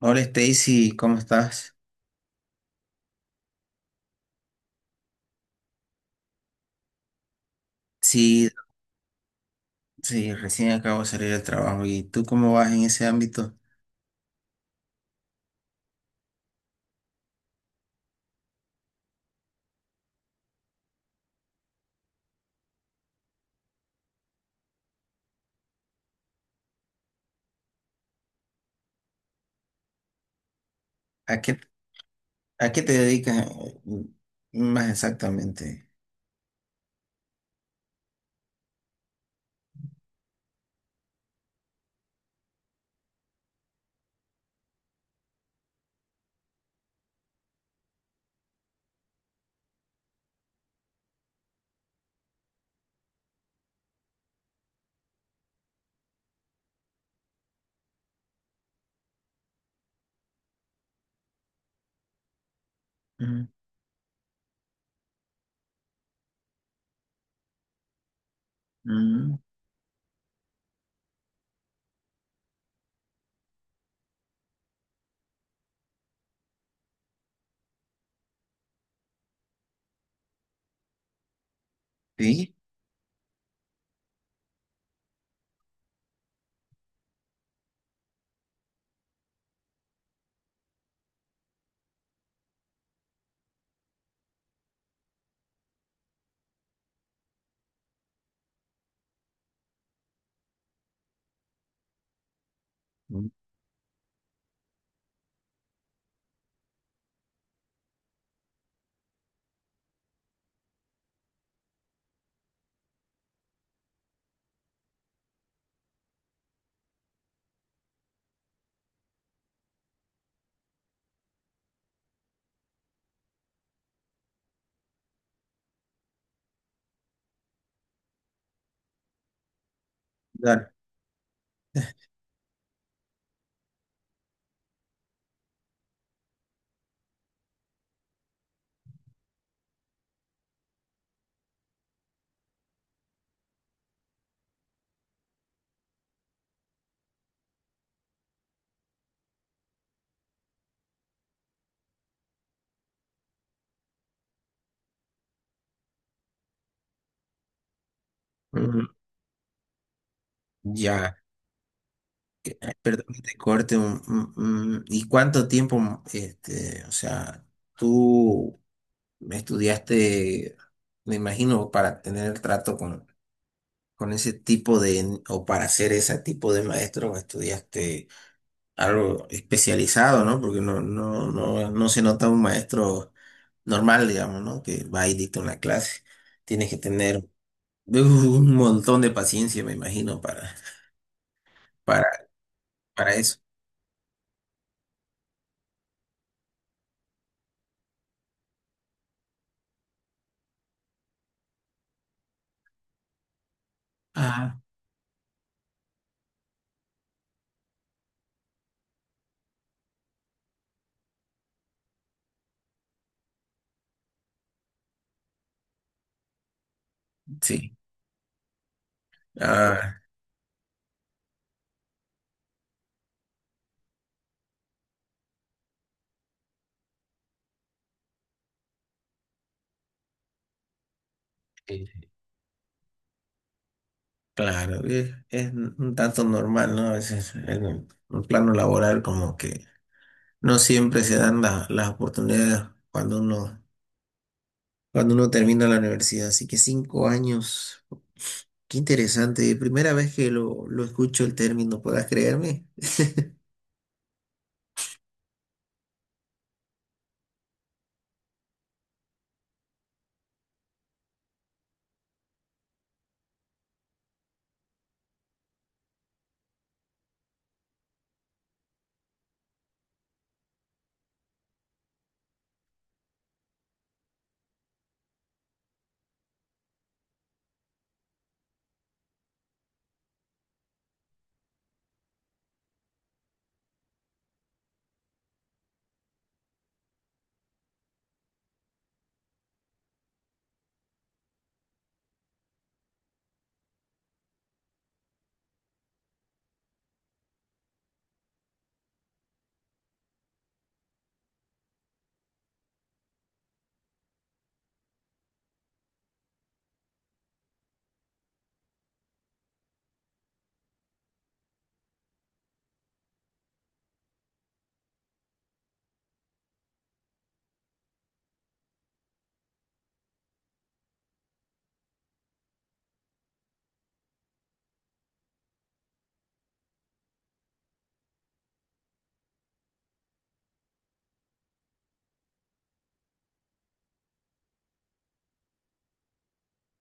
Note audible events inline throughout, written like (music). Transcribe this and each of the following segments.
Hola Stacy, ¿cómo estás? Sí, sí, recién acabo de salir del trabajo. ¿Y tú cómo vas en ese ámbito? ¿A qué, a qué te dedicas más exactamente? Mm. Mm. Sí. Mm, claro. Mm. Ya. Perdón que te corte. ¿Y cuánto tiempo, este, o sea, tú estudiaste, me imagino, para tener trato con ese tipo de, o para ser ese tipo de maestro, estudiaste? Algo especializado, ¿no? Porque no, no, no, no se nota un maestro normal, digamos, ¿no? Que va y dicta una clase. Tienes que tener (laughs) un montón de paciencia, me imagino, para, para, para eso. Ah, sí. Ah, eh, claro, es un tanto normal, ¿no? A veces en el plano laboral como que no siempre se dan las oportunidades cuando uno, cuando uno termina la universidad. Así que 5 años. Qué interesante, primera vez que lo escucho el término, ¿podrás creerme?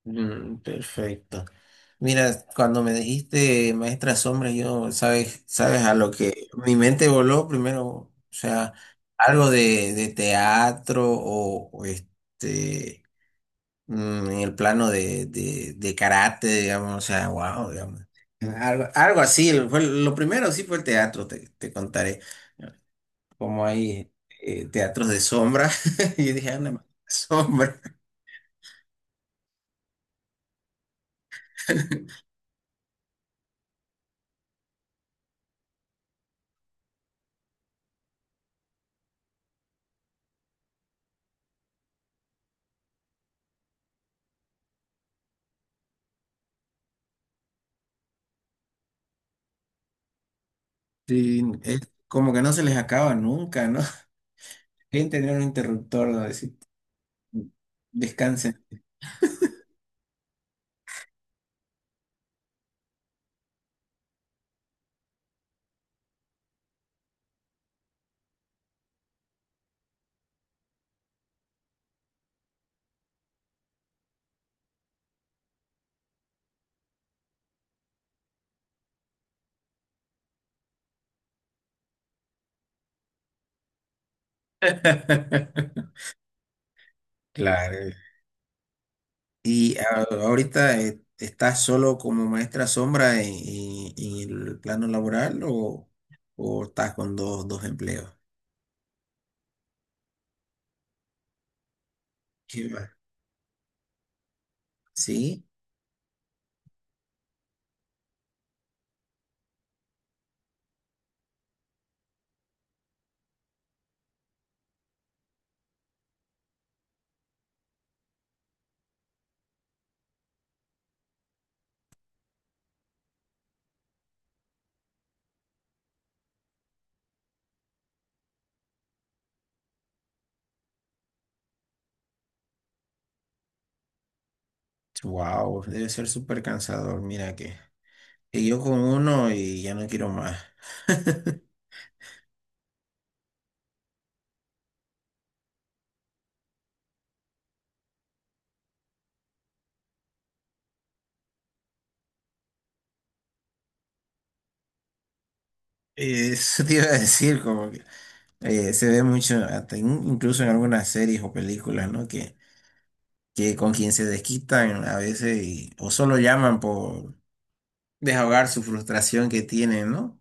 Mm, perfecto. Mira, cuando me dijiste maestra sombra, yo, sabes a lo que mi mente voló primero, o sea, algo de teatro o este, en el plano de karate, digamos, o sea, wow, digamos. Algo, algo así, fue, lo primero sí fue el teatro, te contaré. Como hay teatros de sombra. (laughs) Y yo dije, anda, (laughs) sombra. Sí, es como que no se les acaba nunca, ¿no? (laughs) Bien tener un interruptor donde decir, descansen. (laughs) Claro. Y ahorita, ¿estás solo como maestra sombra en, en el plano laboral o estás con dos empleos? Sí, va. Sí, wow, debe ser súper cansador, mira que. Y yo con uno y ya no quiero más. (laughs) Eso te iba a decir, como que se ve mucho, hasta incluso en algunas series o películas, ¿no? Que con quien se desquitan a veces o solo llaman por desahogar su frustración que tienen, ¿no?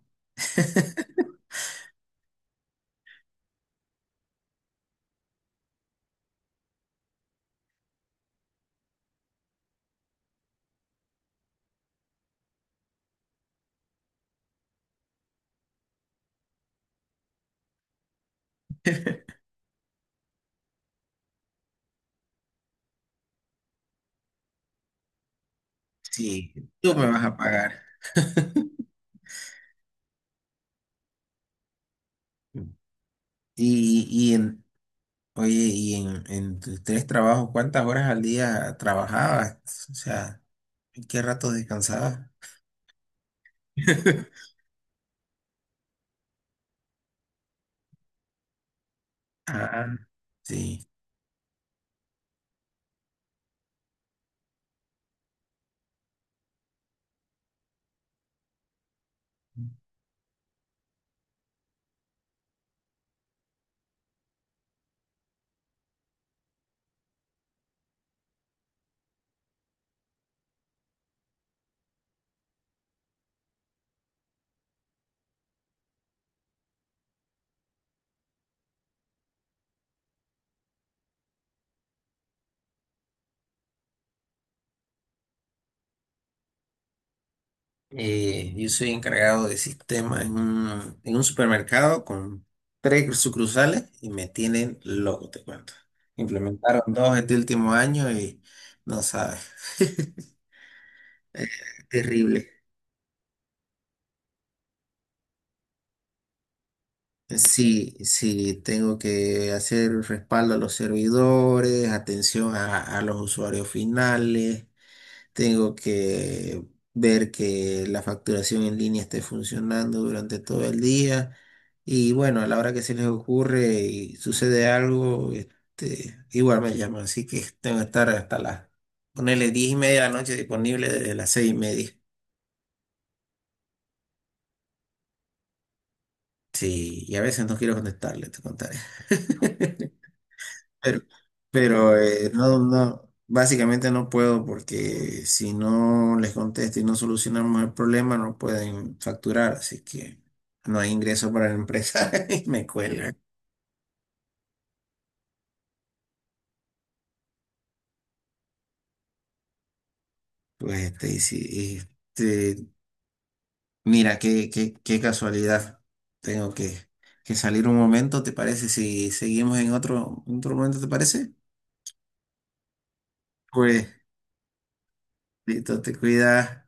Sí, tú me vas a pagar. (laughs) Y en, oye, y en tus tres trabajos, ¿cuántas horas al día trabajabas? O sea, ¿en qué rato descansabas? (laughs) Ah, sí. Yo soy encargado de sistemas en un supermercado con tres sucursales y me tienen loco, te cuento. Implementaron dos este último año y no sabes. (laughs) Eh, Terrible. Sí, sí, tengo que hacer respaldo a los servidores, atención a los usuarios finales. Tengo que ver que la facturación en línea esté funcionando durante todo el día. Y bueno, a la hora que se les ocurre y sucede algo, este, igual me llaman. Así que tengo que estar hasta las, ponerle 10:30 de la noche disponible desde las 6:30. Sí, y a veces no quiero contestarle, te contaré. (laughs) Pero, pero no, no, básicamente no puedo porque si no les contesto y no solucionamos el problema, no pueden facturar, así que no hay ingreso para la empresa (laughs) y me cuelgan. Pues este, y sí, este, mira, qué casualidad. Tengo que salir un momento, ¿te parece? Si seguimos en otro momento, ¿te parece? Pues, listo, te cuidas.